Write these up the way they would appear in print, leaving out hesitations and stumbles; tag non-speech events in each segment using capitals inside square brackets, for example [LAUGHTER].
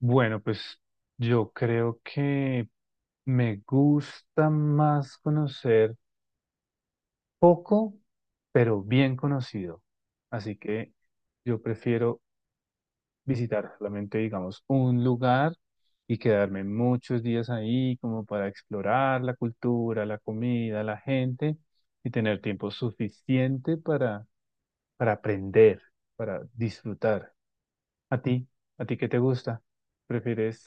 Bueno, pues yo creo que me gusta más conocer poco, pero bien conocido. Así que yo prefiero visitar solamente, digamos, un lugar y quedarme muchos días ahí como para explorar la cultura, la comida, la gente y tener tiempo suficiente para aprender, para disfrutar. ¿A ti? ¿A ti qué te gusta? ¿Prefieres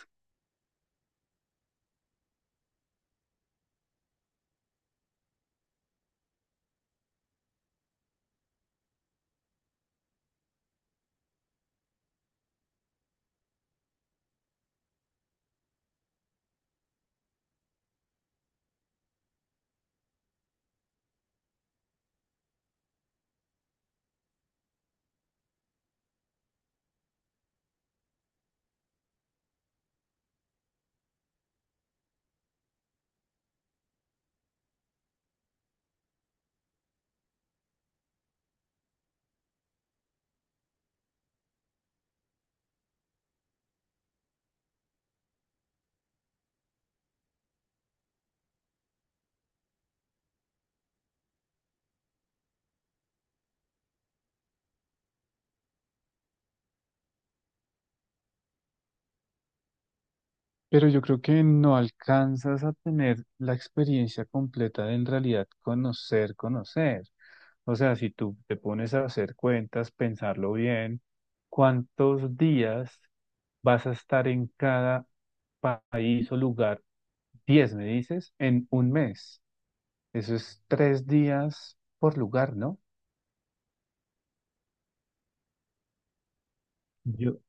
Pero yo creo que no alcanzas a tener la experiencia completa de en realidad conocer, conocer. O sea, si tú te pones a hacer cuentas, pensarlo bien, ¿cuántos días vas a estar en cada país o lugar? Diez, me dices, en un mes. Eso es tres días por lugar, ¿no? Yo.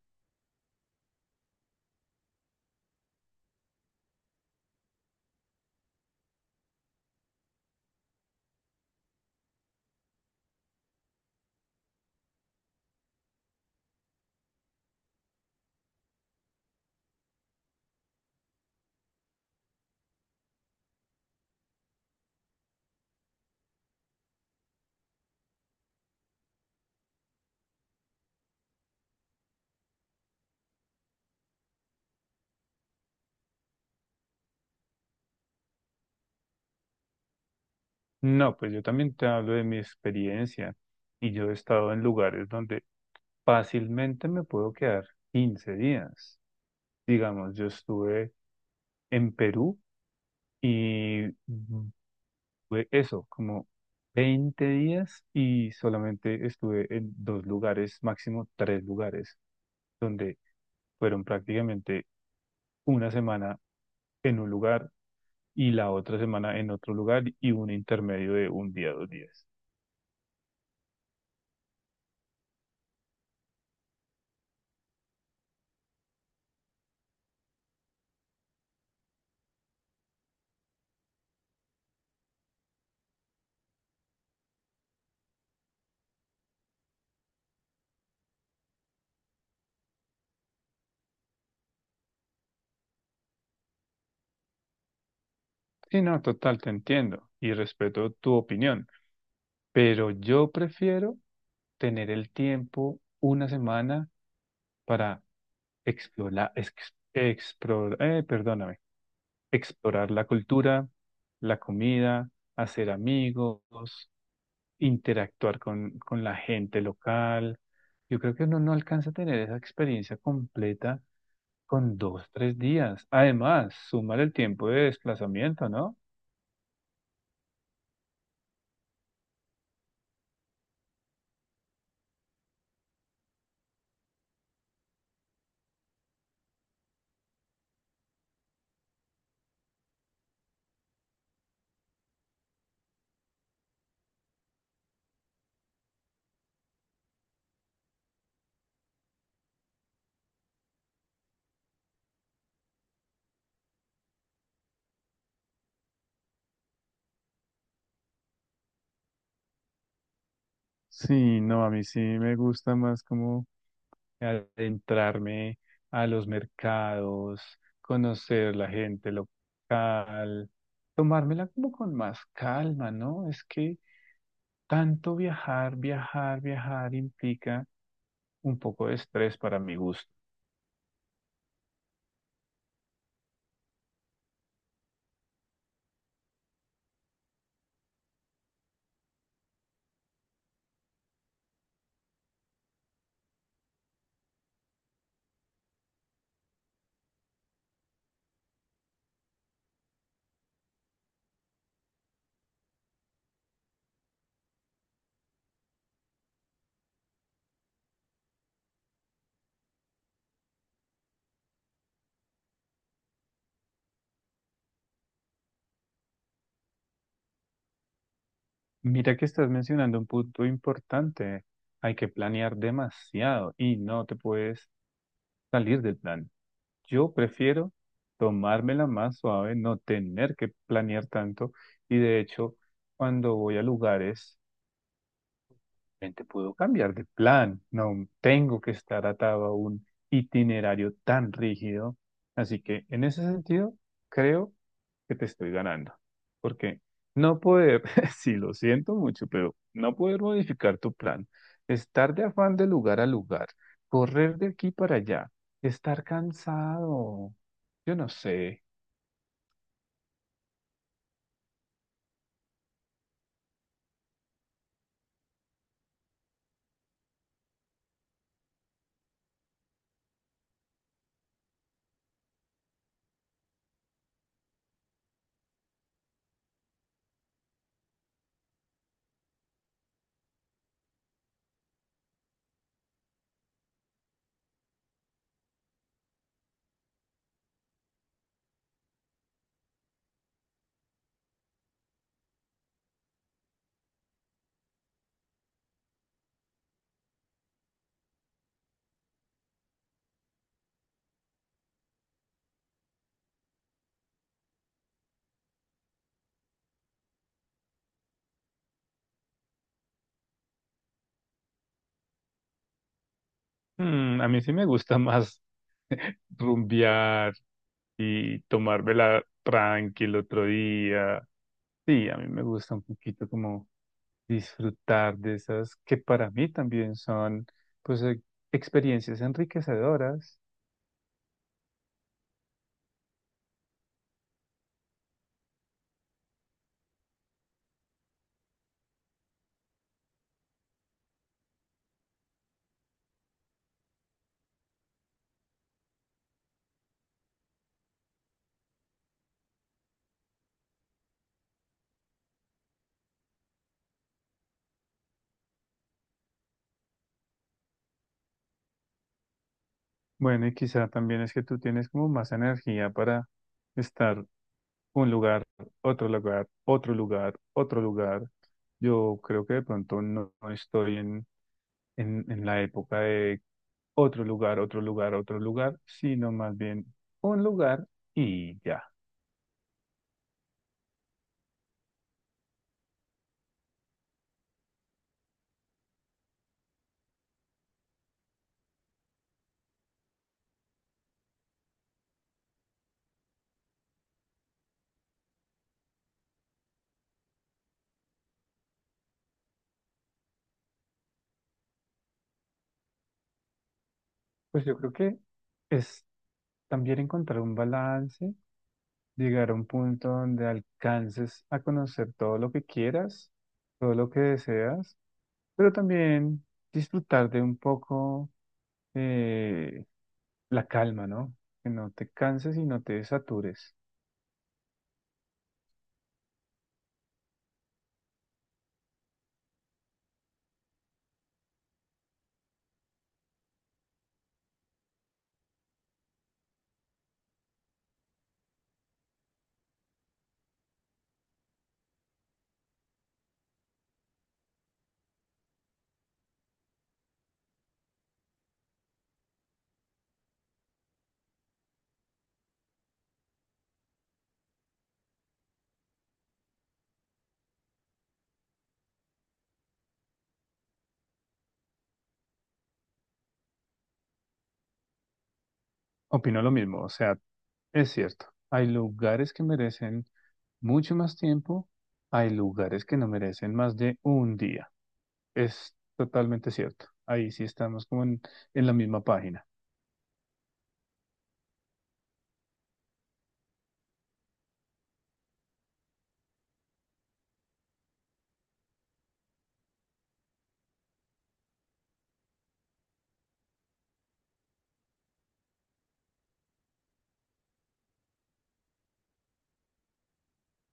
No, pues yo también te hablo de mi experiencia y yo he estado en lugares donde fácilmente me puedo quedar 15 días. Digamos, yo estuve en Perú y fue eso, como 20 días y solamente estuve en dos lugares, máximo tres lugares, donde fueron prácticamente una semana en un lugar y la otra semana en otro lugar y un intermedio de un día, 2 días. Sí, no, total, te entiendo y respeto tu opinión, pero yo prefiero tener el tiempo una semana para explorar, perdóname, explorar la cultura, la comida, hacer amigos, interactuar con la gente local. Yo creo que uno no alcanza a tener esa experiencia completa con 2, 3 días. Además, sumar el tiempo de desplazamiento, ¿no? Sí, no, a mí sí me gusta más... como... Adentrarme a los mercados, conocer la gente local, tomármela como con más calma, ¿no? Es que tanto viajar, viajar, viajar implica un poco de estrés para mi gusto. Mira que estás mencionando un punto importante. Hay que planear demasiado y no te puedes salir del plan. Yo prefiero tomármela más suave, no tener que planear tanto y de hecho, cuando voy a lugares Gente, puedo cambiar de plan, no tengo que estar atado a un itinerario tan rígido. Así que en ese sentido, creo que te estoy ganando, porque no poder, [LAUGHS] sí lo siento mucho, pero no poder modificar tu plan, estar de afán de lugar a lugar, correr de aquí para allá, estar cansado, yo no sé. Mm, a mí sí me gusta más [LAUGHS] rumbear, y tomármela tranqui el otro día. Sí, a mí me gusta un poquito como disfrutar de esas que para mí también son pues experiencias enriquecedoras. Bueno, y quizá también es que tú tienes como más energía para estar un lugar, otro lugar, otro lugar, otro lugar. Yo creo que de pronto no, no estoy en la época de otro lugar, otro lugar, otro lugar, sino más bien un lugar y ya. Pues yo creo que es también encontrar un balance, llegar a un punto donde alcances a conocer todo lo que quieras, todo lo que deseas, pero también disfrutar de un poco, eh, la calma, ¿no? Que no te canses y no te satures. Opino lo mismo, o sea, es cierto, hay lugares que merecen mucho más tiempo, hay lugares que no merecen más de un día. Es totalmente cierto. Ahí sí estamos como en la misma página.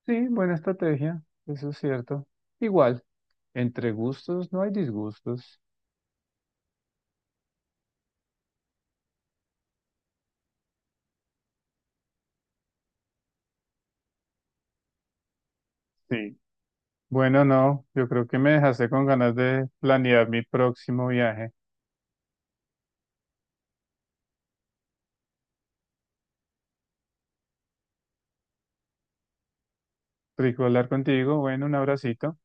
Sí, buena estrategia, eso es cierto. Igual, entre gustos no hay disgustos. Sí. Bueno, no, yo creo que me dejaste con ganas de planear mi próximo viaje. Rico hablar contigo, bueno, un abracito.